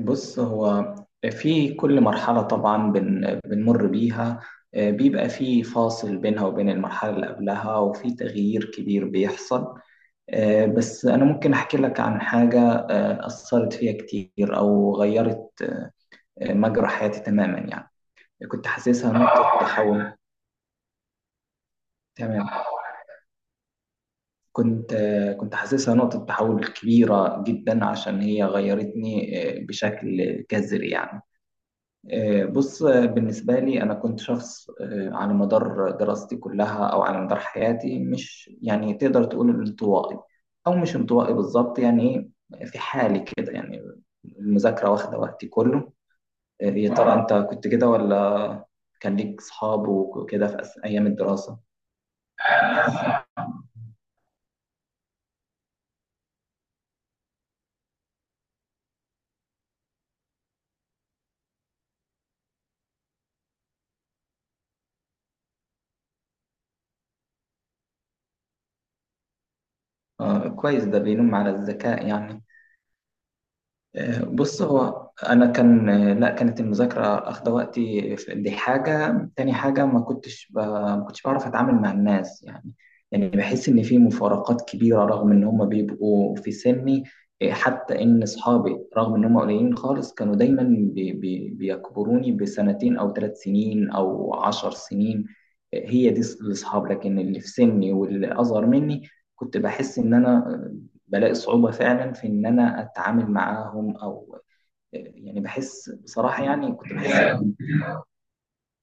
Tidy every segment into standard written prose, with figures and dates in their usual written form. بص هو في كل مرحلة طبعا بنمر بيها، بيبقى في فاصل بينها وبين المرحلة اللي قبلها وفي تغيير كبير بيحصل. بس أنا ممكن أحكي لك عن حاجة أثرت فيها كتير أو غيرت مجرى حياتي تماما يعني. كنت حاسسها نقطة تحول. تمام. كنت كنت حاسسها نقطة تحول كبيرة جدا عشان هي غيرتني بشكل جذري يعني. بص، بالنسبة لي أنا كنت شخص على مدار دراستي كلها أو على مدار حياتي مش يعني تقدر تقول انطوائي، أو مش انطوائي بالظبط يعني. إيه، في حالي كده يعني، المذاكرة واخدة وقتي كله. يا ترى أنت كنت كده ولا كان ليك صحاب وكده في أيام الدراسة؟ كويس، ده بينم على الذكاء يعني. بص، هو انا كان آه، لا كانت المذاكره اخده دي حاجه. تاني حاجه ما كنتش ما كنتش بعرف اتعامل مع الناس يعني. يعني بحس ان في مفارقات كبيره رغم ان هم بيبقوا في سني. حتى ان اصحابي رغم ان هم قليلين خالص كانوا دايما بيكبروني بسنتين او ثلاث سنين او عشر سنين. هي دي الاصحاب، لكن اللي في سني واللي اصغر مني كنت بحس ان انا بلاقي صعوبة فعلا في إن أنا أتعامل معاهم، أو يعني بحس بصراحة يعني كنت بحس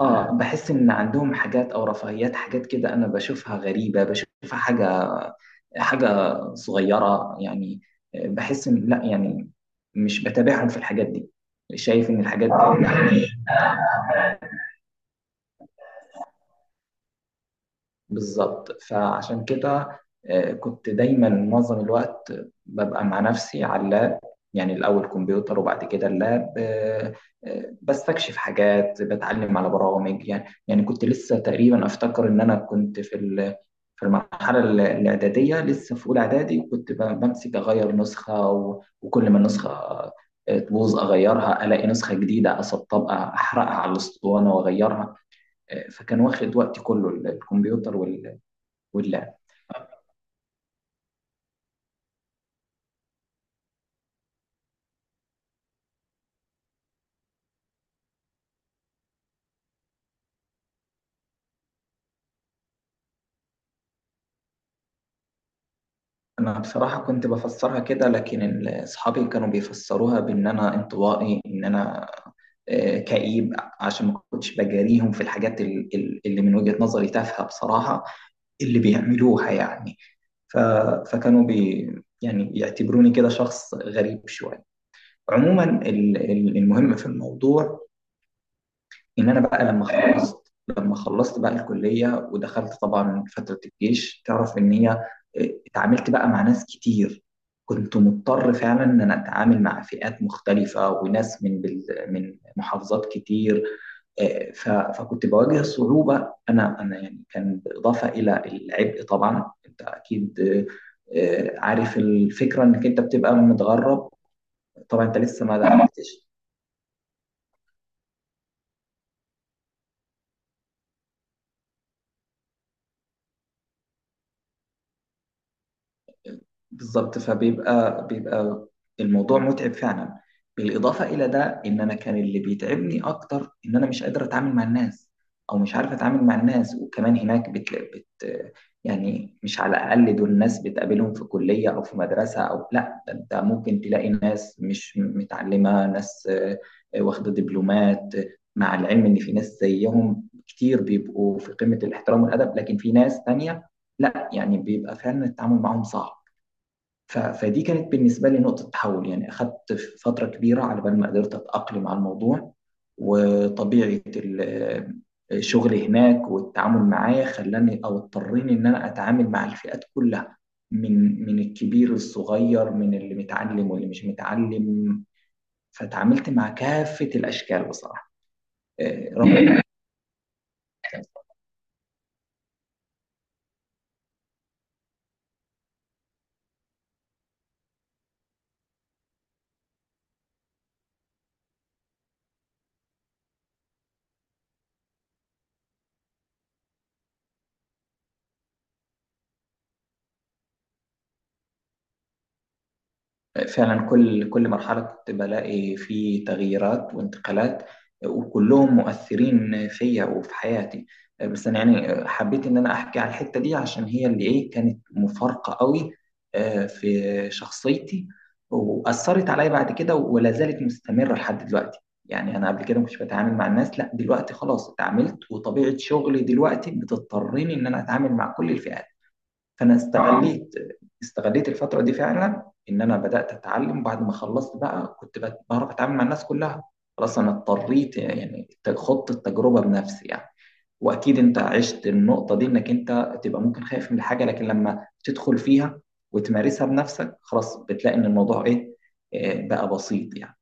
بحس إن عندهم حاجات أو رفاهيات، حاجات كده أنا بشوفها غريبة، بشوفها حاجة حاجة صغيرة يعني. بحس إن لأ يعني مش بتابعهم في الحاجات دي، شايف إن الحاجات دي بالظبط. فعشان كده كنت دايما معظم الوقت ببقى مع نفسي على اللاب. يعني الأول كمبيوتر وبعد كده اللاب. بستكشف حاجات، بتعلم على برامج يعني. يعني كنت لسه تقريبا أفتكر إن أنا كنت في في المرحلة الإعدادية، لسه في أولى إعدادي كنت بمسك أغير نسخة وكل ما النسخة تبوظ أغيرها، ألاقي نسخة جديدة أسطبها أحرقها على الأسطوانة وأغيرها. فكان واخد وقتي كله الكمبيوتر واللعب. أنا بصراحة كنت بفسرها كده، لكن أصحابي كانوا بيفسروها بإن أنا انطوائي، إن أنا كئيب، عشان ما كنتش بجاريهم في الحاجات اللي من وجهة نظري تافهة بصراحة اللي بيعملوها يعني. ف... فكانوا بي يعني يعتبروني كده شخص غريب شوية. عموما المهم في الموضوع ان انا بقى لما خلصت بقى الكليه ودخلت طبعا فتره الجيش، تعرف ان هي إيه، اتعاملت بقى مع ناس كتير. كنت مضطر فعلا ان انا اتعامل مع فئات مختلفه وناس من من محافظات كتير. إيه، فكنت بواجه صعوبه، انا يعني كان بالاضافه الى العبء. طبعا انت اكيد إيه، عارف الفكره انك انت بتبقى متغرب. طبعا انت لسه ما دخلتش. بالظبط. فبيبقى الموضوع متعب فعلا. بالإضافة إلى ده، إن أنا كان اللي بيتعبني أكتر إن أنا مش قادر أتعامل مع الناس، أو مش عارف أتعامل مع الناس. وكمان هناك يعني مش على الأقل دول الناس بتقابلهم في كلية أو في مدرسة، أو لا ده أنت ممكن تلاقي ناس مش متعلمة، ناس واخدة دبلومات. مع العلم إن في ناس زيهم كتير بيبقوا في قمة الاحترام والأدب، لكن في ناس تانية لا يعني بيبقى فعلا التعامل معاهم صعب. فدي كانت بالنسبة لي نقطة تحول يعني، أخذت فترة كبيرة على بال ما قدرت أتأقلم على الموضوع. وطبيعة الشغل هناك والتعامل معاه خلاني أو اضطريني إن أنا أتعامل مع الفئات كلها، من الكبير للصغير، من اللي متعلم واللي مش متعلم. فتعاملت مع كافة الأشكال بصراحة آه، رغم فعلا كل مرحلة كنت بلاقي فيه تغييرات وانتقالات، وكلهم مؤثرين فيا وفي حياتي. بس أنا يعني حبيت إن أنا أحكي على الحتة دي عشان هي اللي إيه كانت مفارقة قوي في شخصيتي، وأثرت عليا بعد كده ولا زالت مستمرة لحد دلوقتي. يعني أنا قبل كده ما كنتش بتعامل مع الناس، لا دلوقتي خلاص اتعاملت، وطبيعة شغلي دلوقتي بتضطرني إن أنا أتعامل مع كل الفئات. فانا اه استغليت الفتره دي فعلا، ان انا بدات اتعلم بعد ما خلصت بقى، كنت بعرف اتعامل مع الناس كلها. خلاص انا اضطريت يعني خضت التجربه بنفسي يعني. واكيد انت عشت النقطه دي، انك انت تبقى ممكن خايف من حاجه، لكن لما تدخل فيها وتمارسها بنفسك خلاص بتلاقي ان الموضوع ايه إيه، بقى بسيط يعني.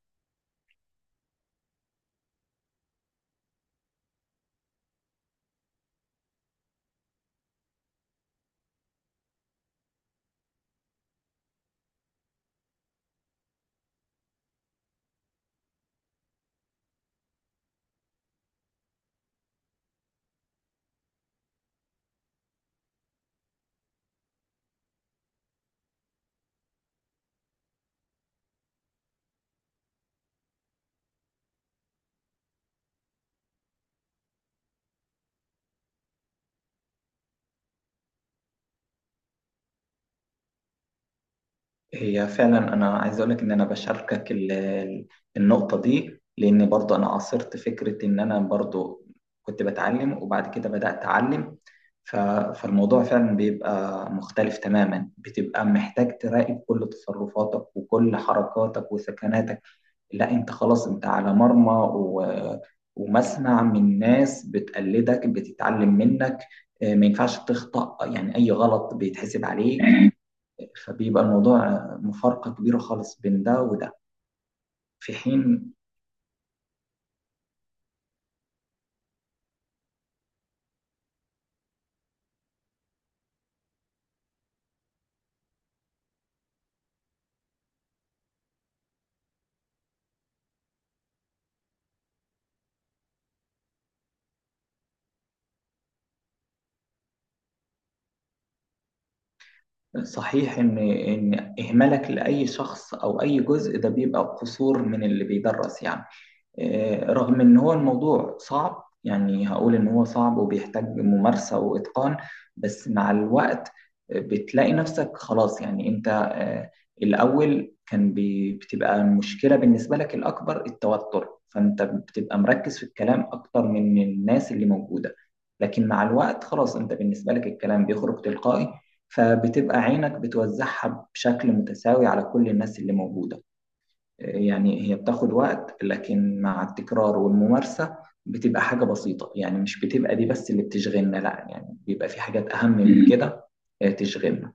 هي فعلا انا عايز اقول لك ان انا بشاركك النقطه دي، لان برضو انا عاصرت فكره ان انا برضو كنت بتعلم وبعد كده بدات اعلم. ف- فالموضوع فعلا بيبقى مختلف تماما، بتبقى محتاج تراقب كل تصرفاتك وكل حركاتك وسكناتك. لا انت خلاص انت على مرمى ومسمع من ناس بتقلدك بتتعلم منك. ما ينفعش تخطأ يعني، اي غلط بيتحسب عليك. فبيبقى الموضوع مفارقة كبيرة خالص بين ده وده، في حين صحيح إن إهمالك لأي شخص أو أي جزء ده بيبقى قصور من اللي بيدرس يعني. رغم ان هو الموضوع صعب يعني، هقول ان هو صعب وبيحتاج ممارسة واتقان. بس مع الوقت بتلاقي نفسك خلاص يعني انت الاول كان بتبقى المشكلة بالنسبة لك الاكبر التوتر، فانت بتبقى مركز في الكلام اكتر من الناس اللي موجودة. لكن مع الوقت خلاص انت بالنسبة لك الكلام بيخرج تلقائي، فبتبقى عينك بتوزعها بشكل متساوي على كل الناس اللي موجودة. يعني هي بتاخد وقت، لكن مع التكرار والممارسة بتبقى حاجة بسيطة يعني. مش بتبقى دي بس اللي بتشغلنا، لا يعني بيبقى في حاجات أهم من كده تشغلنا.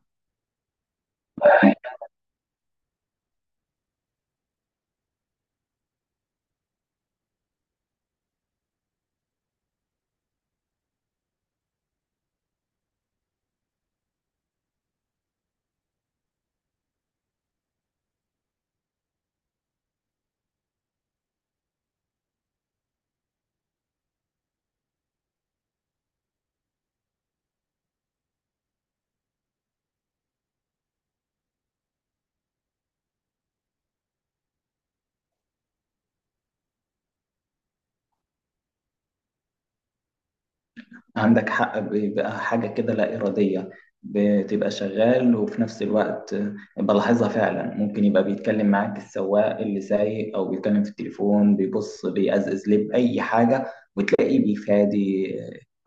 عندك حق، بيبقى حاجة كده لا إرادية، بتبقى شغال وفي نفس الوقت بلاحظها. فعلا ممكن يبقى بيتكلم معاك السواق اللي سايق أو بيتكلم في التليفون بيبص بيأزأز لب أي حاجة، وتلاقيه بيفادي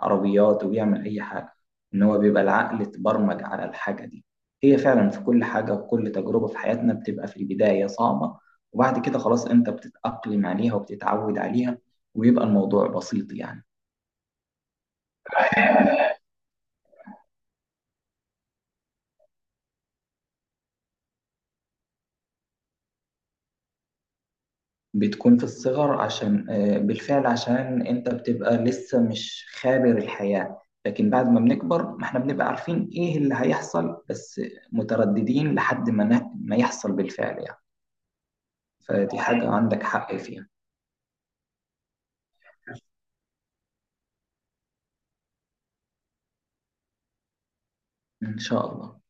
عربيات وبيعمل أي حاجة. إن هو بيبقى العقل اتبرمج على الحاجة دي. هي فعلا في كل حاجة وكل تجربة في حياتنا بتبقى في البداية صعبة، وبعد كده خلاص أنت بتتأقلم عليها وبتتعود عليها، ويبقى الموضوع بسيط يعني. بتكون في الصغر عشان بالفعل عشان انت بتبقى لسه مش خابر الحياة، لكن بعد ما بنكبر ما احنا بنبقى عارفين ايه اللي هيحصل، بس مترددين لحد ما ما يحصل بالفعل يعني. فدي حاجة عندك حق فيها. ان شاء الله.